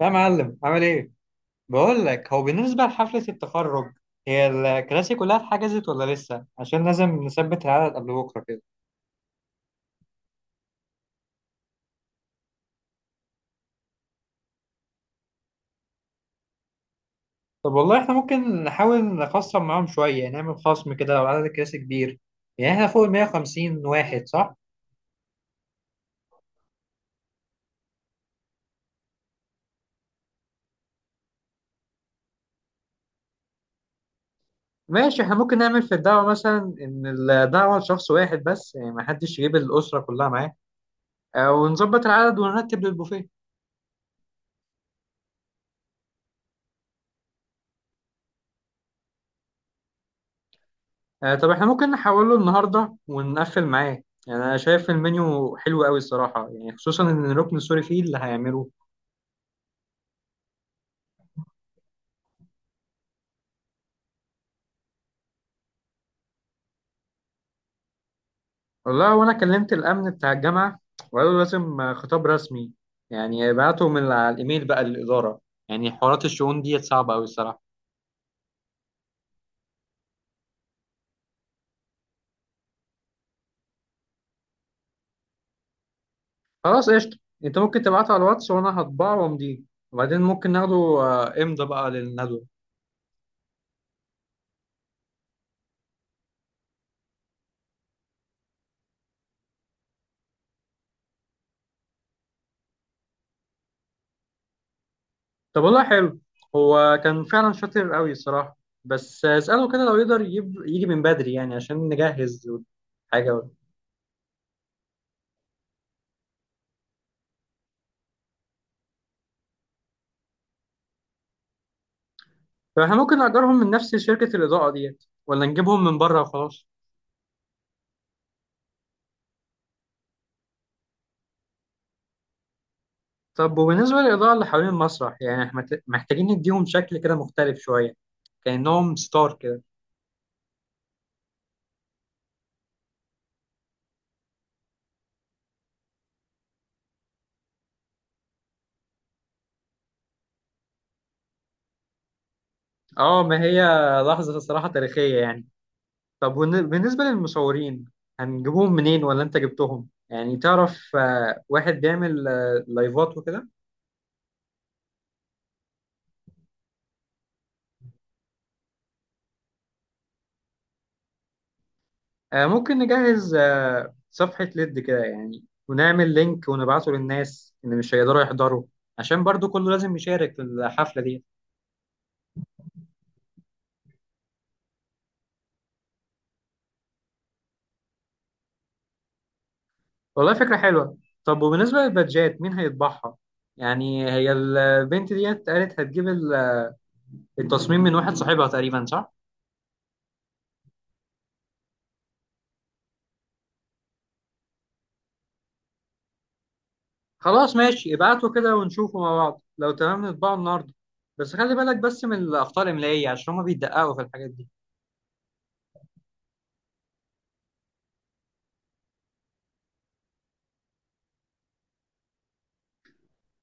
يا معلم عامل ايه؟ بقول لك هو بالنسبة لحفلة التخرج هي الكراسي كلها اتحجزت ولا لسه؟ عشان لازم نثبت العدد قبل بكرة كده. طب والله احنا ممكن نحاول نخصم معاهم شوية نعمل خصم كده لو عدد الكراسي كبير. يعني احنا فوق ال 150 واحد صح؟ ماشي، احنا ممكن نعمل في الدعوة مثلا إن الدعوة لشخص واحد بس يعني ما حدش يجيب الأسرة كلها معاه. ونظبط العدد ونرتب للبوفيه. آه، طب احنا ممكن نحوله النهارده ونقفل معاه يعني انا شايف المنيو حلو قوي الصراحه يعني خصوصا ان الركن السوري فيه اللي هيعمله. والله وانا كلمت الامن بتاع الجامعه وقالوا لازم خطاب رسمي. يعني يبعتوا من على الايميل بقى للاداره. يعني حوارات الشؤون ديت صعبه قوي الصراحه. خلاص، قشطه. انت ممكن تبعته على الواتس وانا هطبعه وامضيه. وبعدين ممكن ناخده امضى بقى للندوه. طب والله حلو. هو كان فعلا شاطر قوي الصراحة. بس اسأله كده لو يقدر يجيب يجي من بدري يعني عشان نجهز حاجة. طب احنا ممكن نأجرهم من نفس شركة الإضاءة ديت ولا نجيبهم من بره وخلاص. طب وبالنسبة للإضاءة اللي حوالين المسرح يعني احنا محتاجين نديهم شكل كده مختلف شوية، كأنهم ستار كده. اه ما هي، لحظة الصراحة تاريخية يعني. طب بالنسبة للمصورين، هنجيبهم منين ولا انت جبتهم يعني تعرف واحد بيعمل لايفات وكده. ممكن نجهز صفحة ليد كده يعني ونعمل لينك ونبعته للناس اللي مش هيقدروا يحضروا، عشان برضو كله لازم يشارك في الحفلة دي. والله فكرة حلوة. طب وبالنسبة للبادجات مين هيطبعها؟ يعني هي البنت ديت قالت هتجيب التصميم من واحد صاحبها تقريبا صح؟ خلاص ماشي، ابعته كده ونشوفه مع بعض لو تمام نطبعه النهاردة. بس خلي بالك بس من الأخطاء الإملائية عشان هما بيدققوا في الحاجات دي.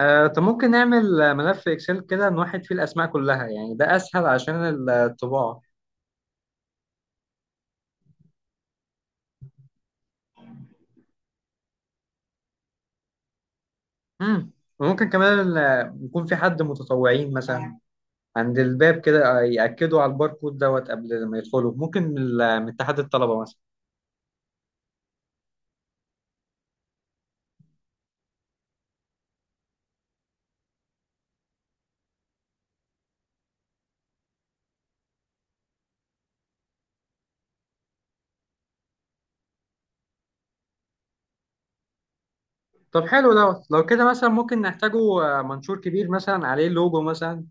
طب ممكن نعمل ملف اكسل كده نوحد فيه الاسماء كلها يعني ده اسهل عشان الطباعه. امم. وممكن كمان يكون في حد متطوعين مثلا عند الباب كده ياكدوا على الباركود دوت قبل ما يدخلوا، ممكن من من اتحاد الطلبه مثلا. طب حلو دوت لو كده مثلا ممكن نحتاجه منشور كبير مثلا عليه لوجو مثلا،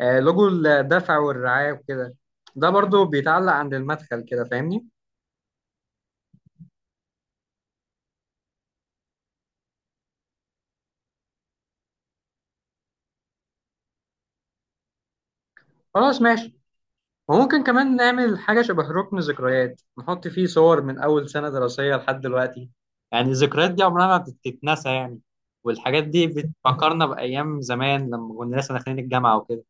لوجو الدفع والرعايه وكده. ده برضو بيتعلق عند المدخل كده فاهمني. خلاص ماشي. وممكن كمان نعمل حاجة شبه ركن ذكريات نحط فيه صور من أول سنة دراسية لحد دلوقتي. يعني الذكريات دي عمرها ما بتتنسى يعني. والحاجات دي بتفكرنا بأيام زمان لما كنا لسه داخلين الجامعة وكده.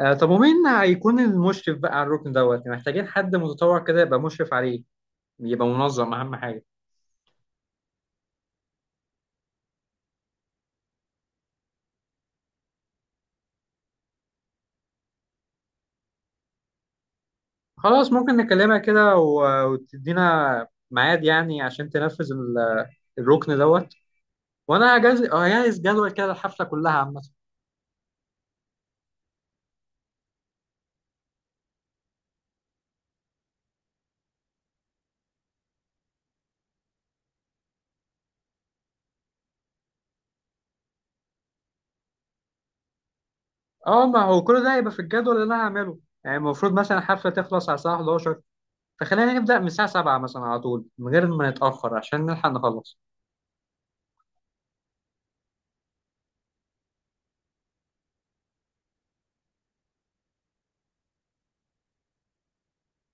آه طب ومين هيكون المشرف بقى على الركن دوت يعني محتاجين حد متطوع كده يبقى مشرف عليه، يبقى منظم أهم حاجة. خلاص ممكن نكلمها كده وتدينا ميعاد يعني عشان تنفذ الركن دوت. وأنا هجهز جدول كده الحفلة كلها عامة. اه ما هو كل ده هيبقى في الجدول اللي انا هعمله. يعني المفروض مثلا الحفله تخلص على الساعه 11، فخلينا نبدا من الساعه 7 مثلا على طول من غير ما نتاخر عشان نلحق نخلص.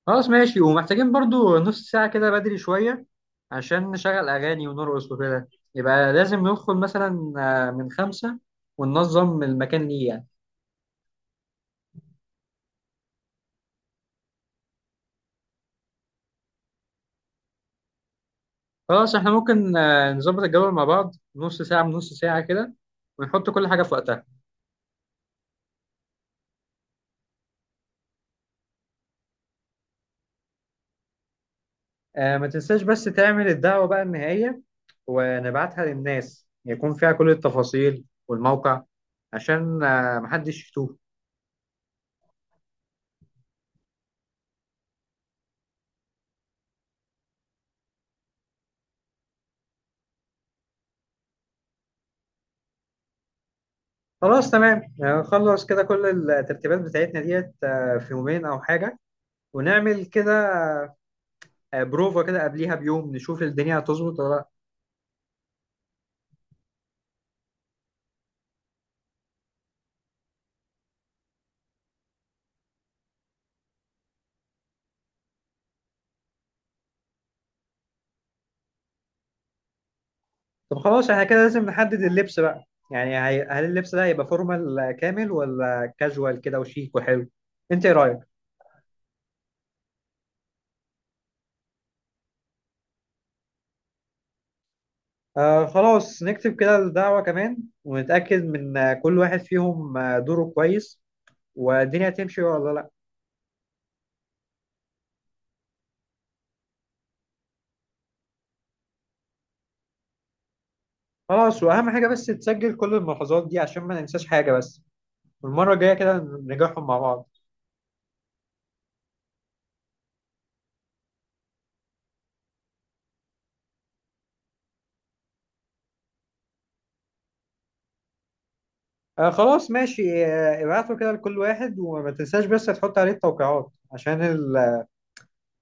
خلاص ماشي، ومحتاجين برضو نص ساعه كده بدري شويه عشان نشغل اغاني ونرقص وكده. يبقى لازم ندخل مثلا من 5 وننظم المكان ليه يعني. خلاص، احنا ممكن نظبط الجدول مع بعض نص ساعه من نص ساعه كده ونحط كل حاجه في وقتها. آه ما تنساش بس تعمل الدعوة بقى النهائية، ونبعتها للناس يكون فيها كل التفاصيل والموقع عشان محدش يتوه. خلاص تمام، خلص كده كل الترتيبات بتاعتنا ديت في يومين أو حاجة، ونعمل كده بروفا كده قبليها بيوم نشوف الدنيا هتظبط ولا لا. طب خلاص، احنا كده لازم نحدد اللبس بقى. يعني هل اللبس ده هيبقى فورمال كامل ولا كاجوال كده وشيك وحلو؟ انت ايه رأيك؟ آه خلاص، نكتب كده الدعوة كمان، ونتأكد من كل واحد فيهم دوره كويس والدنيا هتمشي ولا لأ. خلاص، وأهم حاجة بس تسجل كل الملاحظات دي عشان ما ننساش حاجة بس، والمرة الجاية كده نراجعهم مع بعض. آه خلاص ماشي، ابعتوا كده لكل واحد وما تنساش بس تحط عليه التوقيعات عشان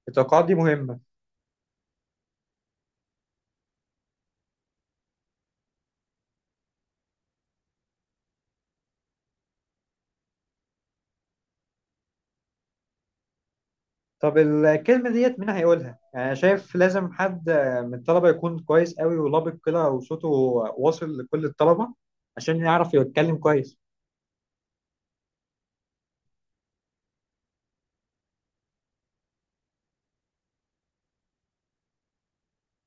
التوقيعات دي مهمة. طب الكلمة ديت مين هيقولها؟ يعني أنا شايف لازم حد من الطلبة يكون كويس قوي ولبق كده وصوته واصل لكل الطلبة عشان يعرف يتكلم كويس.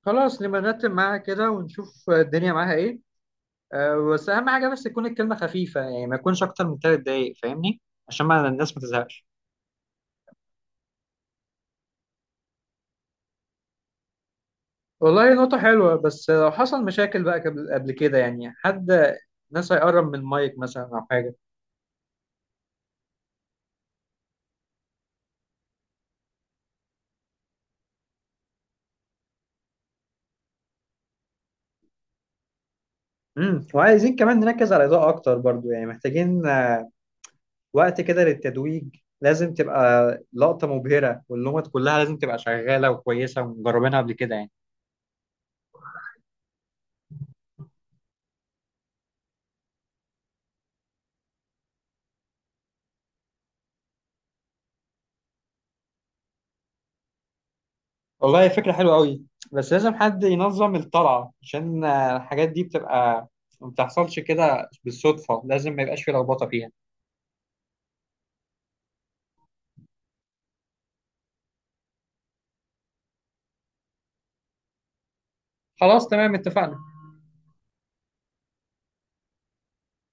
خلاص نبقى نرتب معاها كده ونشوف الدنيا معاها ايه. أه بس اهم حاجه بس تكون الكلمه خفيفه يعني ما يكونش اكتر من 3 دقايق فاهمني، عشان ما الناس ما تزهقش. والله نقطه حلوه، بس لو حصل مشاكل بقى قبل كده يعني حد ناس هيقرب من المايك مثلا او حاجه. وعايزين كمان نركز على الاضاءه اكتر برضو يعني محتاجين وقت كده للتتويج، لازم تبقى لقطه مبهره واللومات كلها لازم تبقى شغاله وكويسه ومجربينها قبل كده يعني. والله فكرة حلوة قوي. بس لازم حد ينظم الطلعة عشان الحاجات دي بتبقى ما بتحصلش كده بالصدفة لازم ما يبقاش في لخبطة فيها. خلاص تمام، اتفقنا.